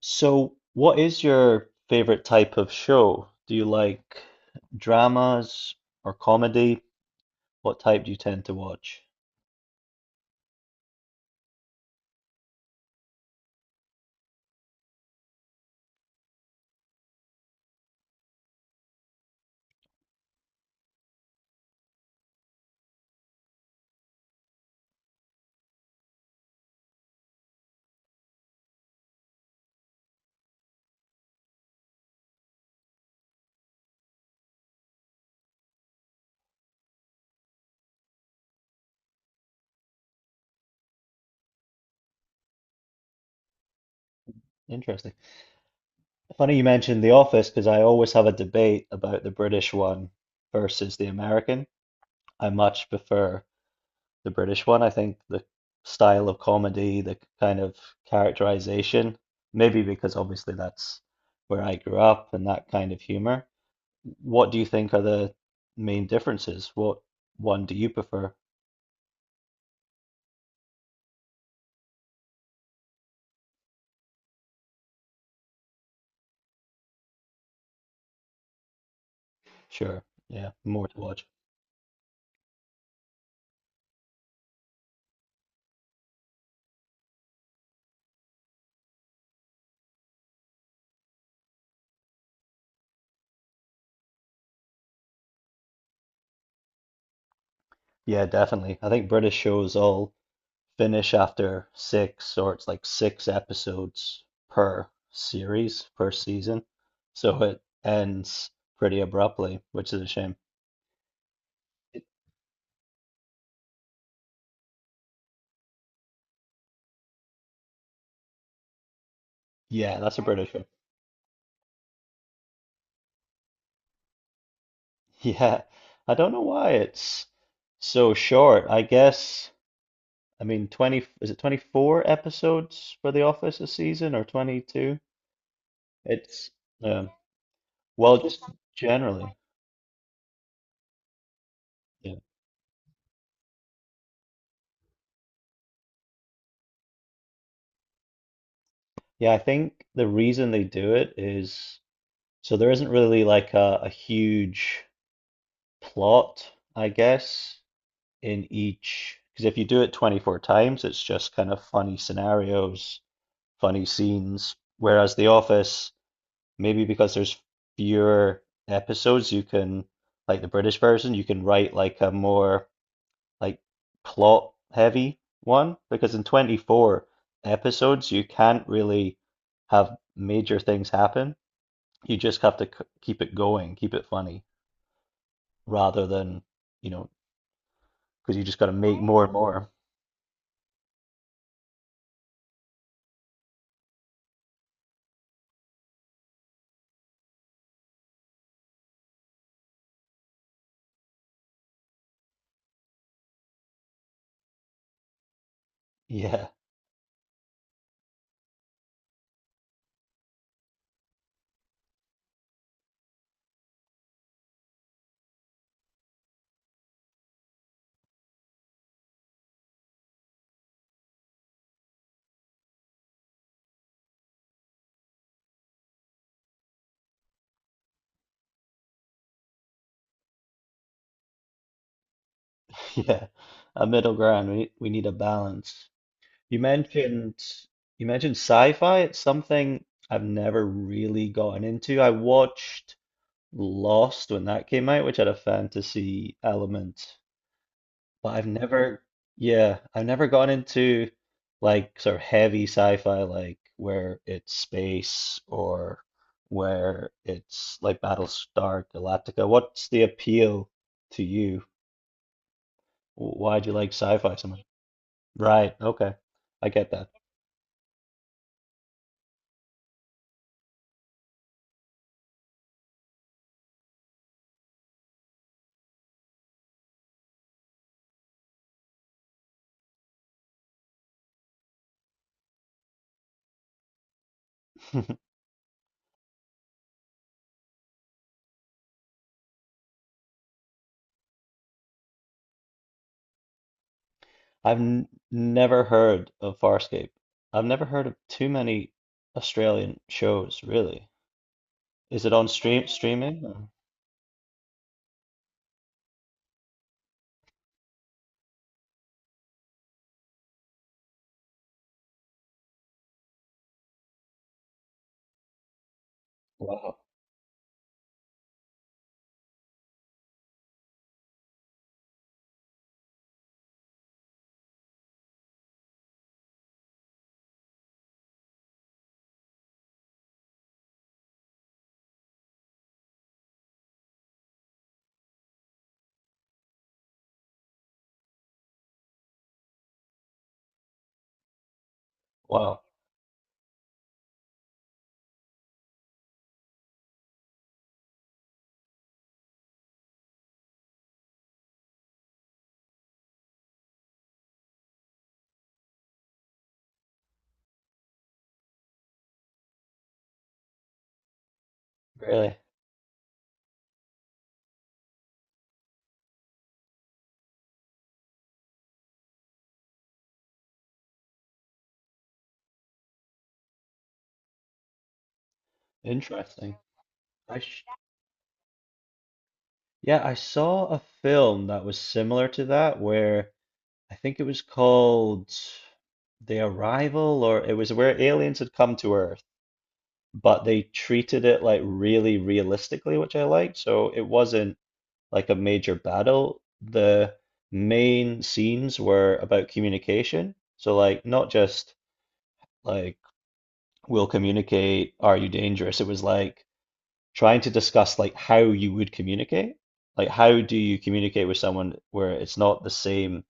So, what is your favorite type of show? Do you like dramas or comedy? What type do you tend to watch? Interesting. Funny you mentioned The Office because I always have a debate about the British one versus the American. I much prefer the British one. I think the style of comedy, the kind of characterization, maybe because obviously that's where I grew up and that kind of humor. What do you think are the main differences? What one do you prefer? Sure. Yeah, more to watch. Yeah, definitely. I think British shows all finish after six, or it's like six episodes per series, per season. So it ends pretty abruptly, which is a shame. It- Yeah, that's a British show. Yeah, I don't know why it's so short. I guess, I mean, 20, is it 24 episodes for The Office a season or 22? It's um, well, just generally, yeah, yeah. I think the reason they do it is so there isn't really like a huge plot, I guess, in each. Because if you do it 24 times, it's just kind of funny scenarios, funny scenes. Whereas The Office, maybe because there's fewer episodes, you can, like the British version, you can write like a more like plot heavy one because in 24 episodes you can't really have major things happen. You just have to keep it going, keep it funny rather than, you know, because you just got to make more and Oh, more. Yeah, yeah. A middle ground. We need a balance. You mentioned you mentioned sci-fi. It's something I've never really gotten into. I watched Lost when that came out, which had a fantasy element. But I've never, yeah, I've never gone into like sort of heavy sci-fi, like where it's space or where it's like Battlestar Galactica. What's the appeal to you? Why do you like sci-fi so much? Right, okay. I get that. I've n never heard of Farscape. I've never heard of too many Australian shows, really. Is it on streaming? Wow. Wow. Really? Interesting. I Yeah, I saw a film that was similar to that where I think it was called The Arrival or it was where aliens had come to Earth, but they treated it like really realistically, which I liked. So it wasn't like a major battle. The main scenes were about communication. So like not just like we'll communicate, are you dangerous? It was like trying to discuss like how you would communicate. Like how do you communicate with someone where it's not the same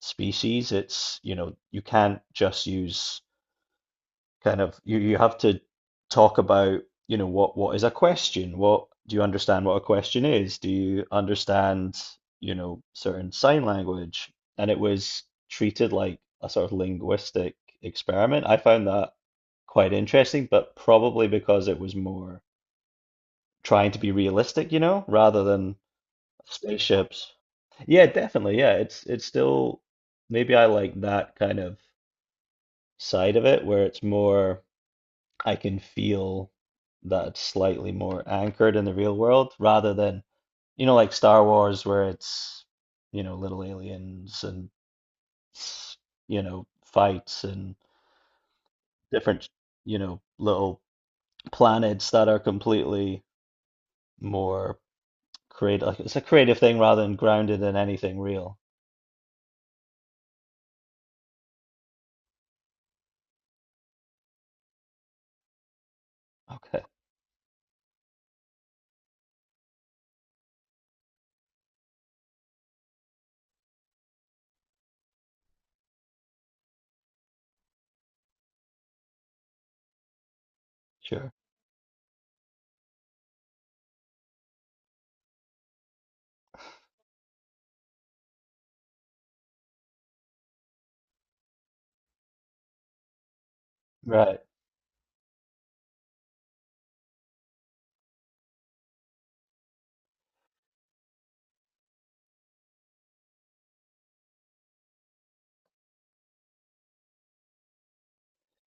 species? It's, you can't just use kind of you have to talk about, what is a question? What do you understand what a question is? Do you understand, certain sign language? And it was treated like a sort of linguistic experiment. I found that quite interesting, but probably because it was more trying to be realistic, rather than spaceships. Yeah, definitely. Yeah, it's still maybe I like that kind of side of it where it's more I can feel that it's slightly more anchored in the real world rather than, like Star Wars where it's, little aliens and s- fights and different, little planets that are completely more creative. Like it's a creative thing rather than grounded in anything real. Okay, sure. Right,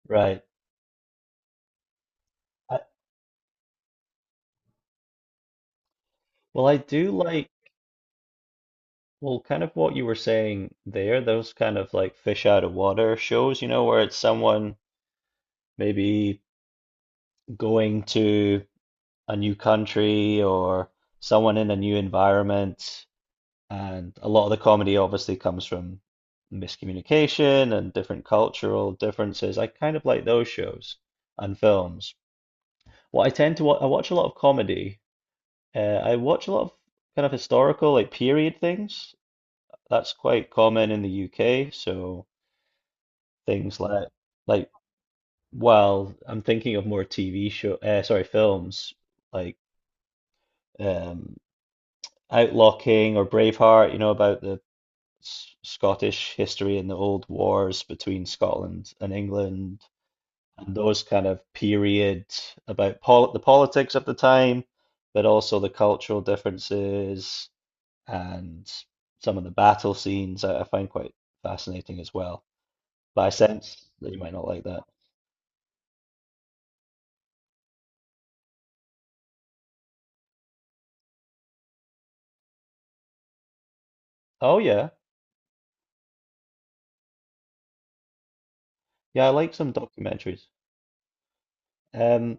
right. I, well, I do like, well, kind of what you were saying there, those kind of like fish out of water shows, where it's someone maybe going to a new country or someone in a new environment. And a lot of the comedy obviously comes from miscommunication and different cultural differences. I kind of like those shows and films. Well, I tend to wa I watch a lot of comedy. I watch a lot of kind of historical, like period things. That's quite common in the UK. So things like, well, I'm thinking of more TV show, sorry, films like um, Outlaw King or Braveheart. You know about the S Scottish history and the old wars between Scotland and England, and those kind of period about pol the politics of the time, but also the cultural differences and some of the battle scenes I find quite fascinating as well. But I sense that you might not like that. Oh yeah, yeah, I like some documentaries. Um,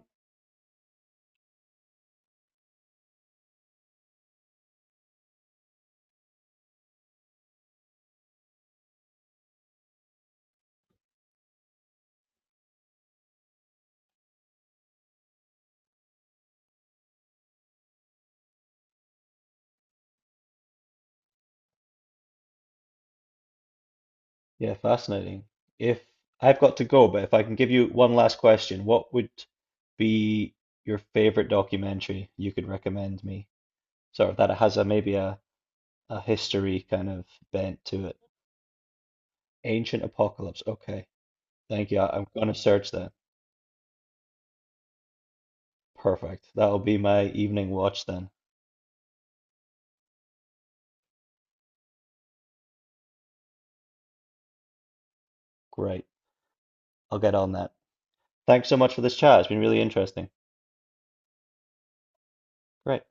yeah, fascinating. If I've got to go, but if I can give you one last question, what would be your favorite documentary you could recommend me? Sort of that it has a maybe a history kind of bent to it. Ancient Apocalypse. Okay, thank you. I'm gonna search that. Perfect. That'll be my evening watch then. Great. I'll get on that. Thanks so much for this chat. It's been really interesting. Great.